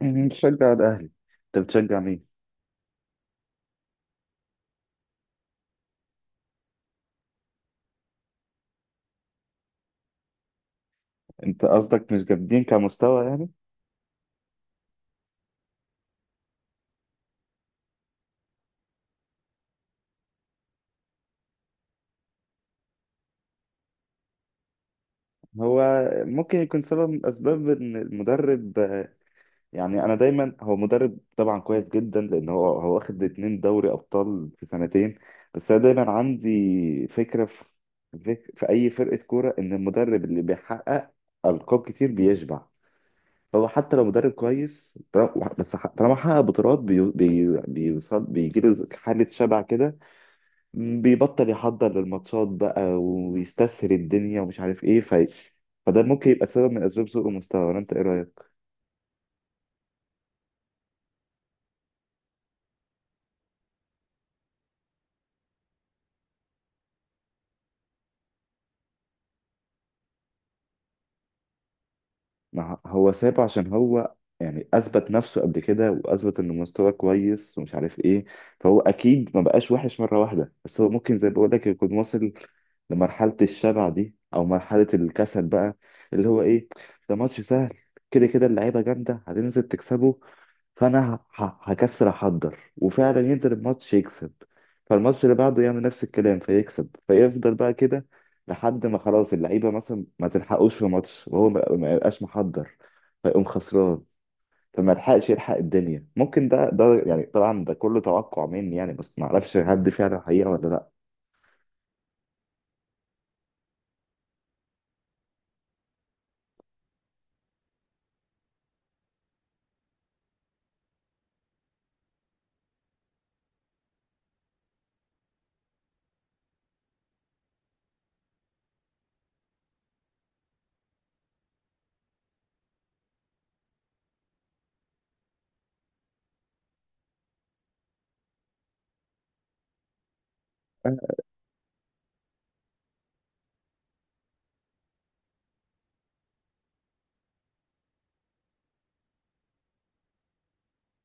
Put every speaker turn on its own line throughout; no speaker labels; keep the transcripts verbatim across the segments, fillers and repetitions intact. بشجع الأهلي. أنت بتشجع مين؟ أنت قصدك مش جامدين كمستوى يعني؟ هو ممكن يكون سبب من أسباب إن المدرب آه، يعني أنا دايما، هو مدرب طبعا كويس جدا، لأن هو هو واخد اتنين دوري أبطال في سنتين. بس أنا دايما عندي فكرة في فك- في أي فرقة كورة، إن المدرب اللي بيحقق ألقاب كتير بيشبع. هو حتى لو مدرب كويس، طالما- بس ح- طالما حقق بطولات، بي... بي... بيوصل بيجيله حالة شبع كده، بيبطل يحضر للماتشات بقى ويستسهل الدنيا ومش عارف ايه، ف... فده ممكن يبقى سبب من اسباب سوء المستوى، ولا انت ايه رايك؟ ما هو سابه عشان هو يعني اثبت نفسه قبل كده واثبت انه مستواه كويس ومش عارف ايه، فهو اكيد ما بقاش وحش مره واحده، بس هو ممكن زي ما بقول لك يكون واصل لمرحله الشبع دي او مرحله الكسل بقى، اللي هو ايه، ده ماتش سهل، كده كده اللعيبه جامده هتنزل تكسبه، فانا ه- ه- هكسر احضر وفعلا ينزل الماتش يكسب، فالماتش اللي بعده يعمل نفس الكلام فيكسب، فيفضل بقى كده لحد ما خلاص اللعيبه مثلا ما تلحقوش في ماتش وهو ما ما يبقاش محضر، فيقوم خسران، فما يلحقش يلحق الدنيا. ممكن ده ده يعني، طبعا ده كله توقع مني يعني، بس ما اعرفش هل دي فعلا حقيقه ولا لا.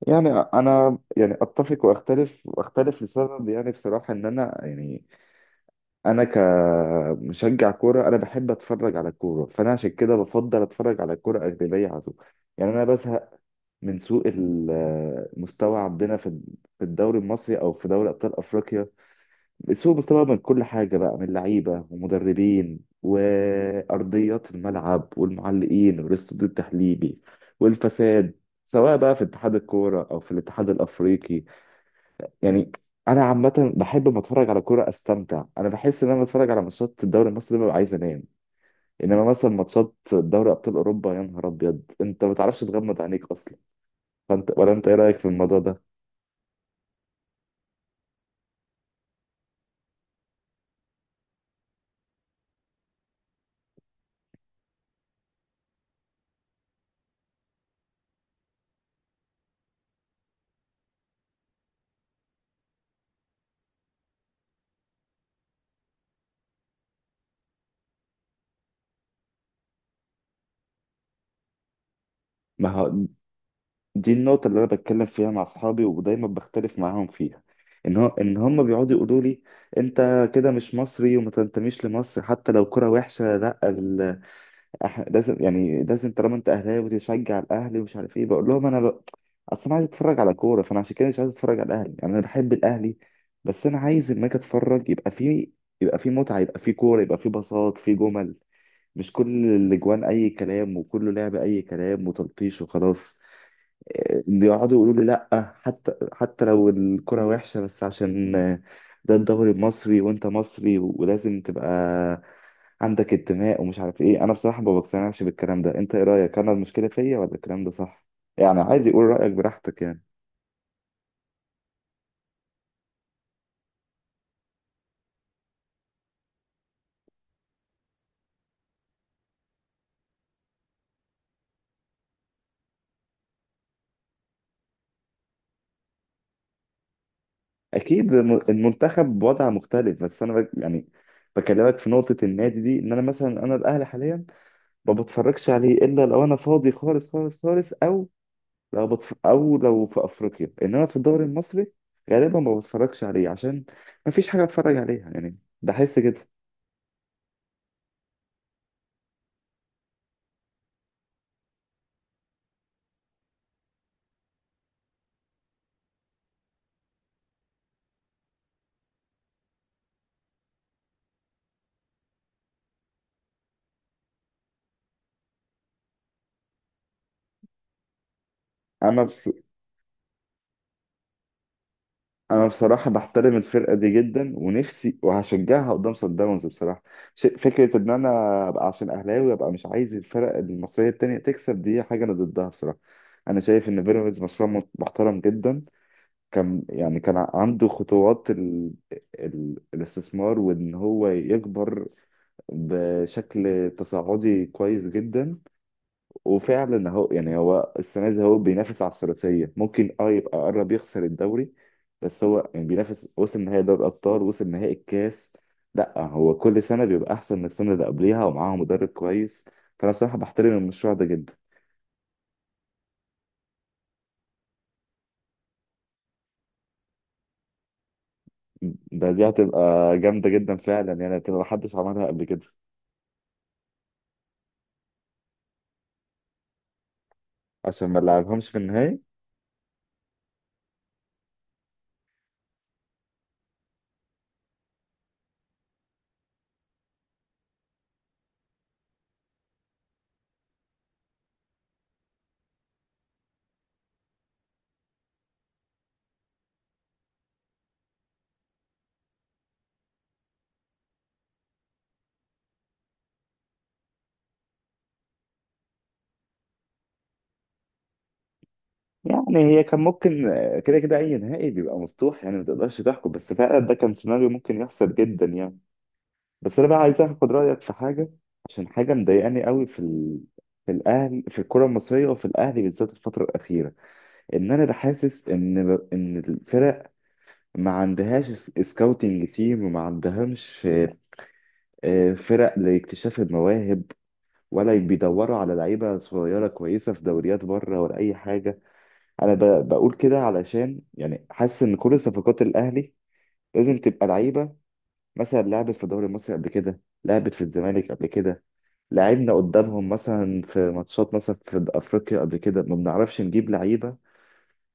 يعني انا يعني اتفق واختلف واختلف لسبب، يعني بصراحه ان انا يعني انا كمشجع كوره، انا بحب اتفرج على الكوره، فانا عشان كده بفضل اتفرج على الكوره اجنبيه على طول. يعني انا بزهق من سوء ال- المستوى عندنا في في الدوري المصري او في دوري ابطال افريقيا، سوء مستوى من كل حاجه بقى، من لعيبه ومدربين وارضيات الملعب والمعلقين والاستوديو التحليلي والفساد، سواء بقى في اتحاد الكوره او في الاتحاد الافريقي. يعني انا عامه بحب ما اتفرج على كوره استمتع، انا بحس ان انا بتفرج على ماتشات الدوري المصري ببقى عايز انام، انما مثلا ماتشات دوري ابطال اوروبا يا نهار ابيض انت ما تعرفش تغمض عينيك اصلا. فانت، ولا انت ايه رايك في الموضوع ده؟ ما هو دي النقطه اللي انا بتكلم فيها مع اصحابي ودايما بختلف معاهم فيها، ان هو ان هم بيقعدوا يقولوا لي انت كده مش مصري وما تنتميش لمصر حتى لو كرة وحشه، لا احنا لازم يعني لازم طالما انت اهلاوي وتشجع الاهلي ومش عارف ايه. بقول لهم انا ب... اصل انا عايز اتفرج على كوره، فانا عشان كده مش عايز اتفرج على الاهلي. يعني انا بحب الاهلي بس انا عايز لما اجي اتفرج يبقى في، يبقى في متعه، يبقى في كوره، يبقى في بساط، في جمل، مش كل الاجوان اي كلام وكله لعب اي كلام وتلطيش وخلاص. إيه، اللي يقعدوا يقولوا لي لا، حتى حتى لو الكوره وحشه، بس عشان آه، ده الدوري المصري وانت مصري ولازم تبقى عندك انتماء ومش عارف ايه. انا بصراحه ما بقتنعش بالكلام ده. انت ايه رايك؟ انا المشكله فيا ولا الكلام ده صح؟ يعني عادي قول رايك براحتك يعني. اكيد الم- المنتخب بوضع مختلف، بس انا بك يعني بكلمك في نقطه النادي دي، ان انا مثلا انا الاهلي حاليا ما بتفرجش عليه الا لو انا فاضي خالص خالص خالص، او لو بتف... او لو في افريقيا، انما في الدوري المصري غالبا ما بتفرجش عليه عشان ما فيش حاجه اتفرج عليها يعني، بحس كده. انا بس انا بصراحه بحترم الفرقه دي جدا، ونفسي وهشجعها قدام صن داونز بصراحه. ش- فكره ان انا ابقى عشان اهلاوي ابقى مش عايز الفرق المصريه التانية تكسب، دي حاجه انا ضدها بصراحه. انا شايف ان بيراميدز مشروع مت- محترم جدا، كان يعني كان عنده خطوات ال... ال... الاستثمار وان هو يكبر بشكل تصاعدي كويس جدا. وفعلا هو يعني هو السنه دي هو بينافس على الثلاثيه، ممكن اه يبقى قرب يخسر الدوري بس هو يعني بينافس، وصل نهائي دوري الابطال، وصل نهائي الكاس، لا هو كل سنه بيبقى احسن من السنه اللي قبليها ومعاه مدرب كويس، فانا صراحه بحترم المشروع ده جدا. ده دي هتبقى جامده جدا فعلا يعني، هتبقى محدش عملها قبل كده. عشان ما نلعبهمش في النهائي. يعني هي كان ممكن، كده كده اي نهائي بيبقى مفتوح يعني ما تقدرش تحكم، بس فعلا ده كان سيناريو ممكن يحصل جدا يعني. بس انا بقى عايز اخد رايك في حاجه، عشان حاجه مضايقاني قوي في ال... في الاهلي، في الكره المصريه وفي الاهلي بالذات الفتره الاخيره، ان انا بحاسس ان ان الفرق ما عندهاش سكاوتنج تيم وما عندهمش آه، فرق لاكتشاف المواهب، ولا بيدوروا على لعيبه صغيره كويسه في دوريات بره، ولا اي حاجه. انا ب... بقول كده علشان يعني حاسس ان كل صفقات الاهلي لازم تبقى لعيبه مثلا لعبت في الدوري المصري قبل كده، لعبت في الزمالك قبل كده، لعبنا قدامهم مثلا في ماتشات مثلا في افريقيا قبل كده، ما بنعرفش نجيب لعيبه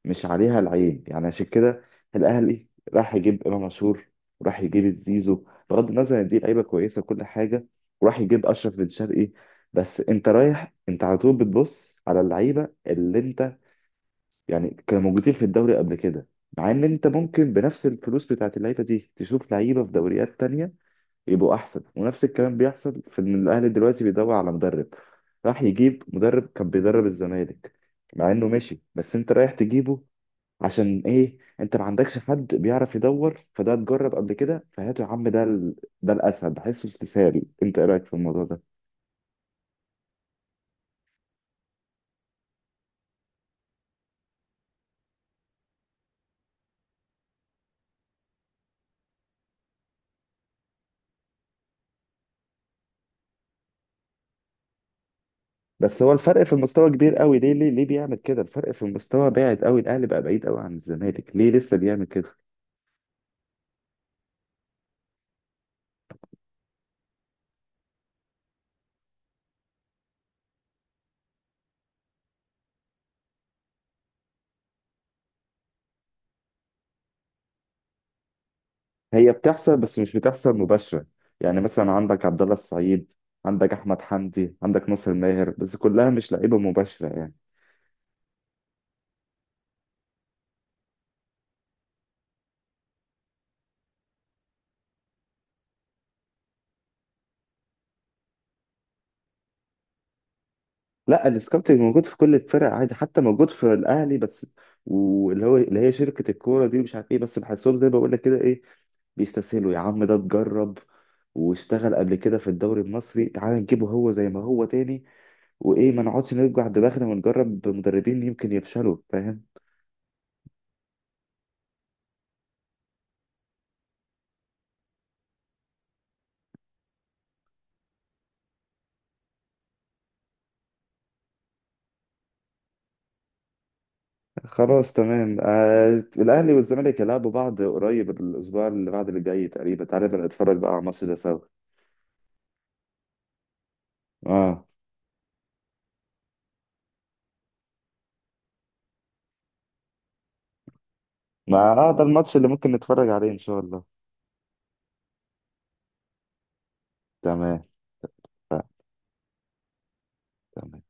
مش عليها العين يعني. عشان كده الاهلي راح يجيب امام عاشور، وراح يجيب الزيزو، بغض النظر ان دي لعيبه كويسه وكل حاجه، وراح يجيب اشرف بن شرقي. بس انت رايح انت على طول بتبص على اللعيبه اللي انت يعني كانوا موجودين في الدوري قبل كده، مع ان انت ممكن بنفس الفلوس بتاعت اللعيبه دي تشوف لعيبه في دوريات تانية يبقوا احسن. ونفس الكلام بيحصل في ان الاهلي دلوقتي بيدور على مدرب، راح يجيب مدرب كان بيدرب الزمالك مع انه مشي، بس انت رايح تجيبه عشان ايه؟ انت ما عندكش حد بيعرف يدور، فده اتجرب قبل كده فهاته يا عم، ده ال... ده الاسهل، بحسه استسهال. انت ايه رايك في الموضوع ده؟ بس هو الفرق في المستوى كبير قوي، ليه ليه ليه بيعمل كده؟ الفرق في المستوى بعد قوي، الاهلي بقى بعيد قوي عن الزمالك، ليه لسه بيعمل كده؟ هي بتحصل بس مش بتحصل مباشرة. يعني مثلا عندك عبد الله السعيد، عندك احمد حمدي، عندك ناصر ماهر، بس كلها مش لعيبة مباشرة يعني. لا، السكاوتنج موجود في كل الفرق عادي، حتى موجود في الاهلي، بس واللي هو اللي هي شركة الكورة دي مش عارف ايه، بس بحسهم زي ما بقول لك كده ايه، بيستسهلوا. يا عم ده اتجرب واشتغل قبل كده في الدوري المصري، تعال نجيبه هو زي ما هو تاني، وايه ما نقعدش نرجع دماغنا ونجرب مدربين يمكن يفشلوا، فاهم؟ خلاص تمام. آه، الاهلي والزمالك هيلعبوا بعض قريب، الاسبوع اللي بعد اللي جاي تقريبا، تعالى نبقى نتفرج بقى على الماتش ده سوا. اه. ما آه، ده الماتش اللي ممكن نتفرج عليه ان شاء الله. تمام. تمام.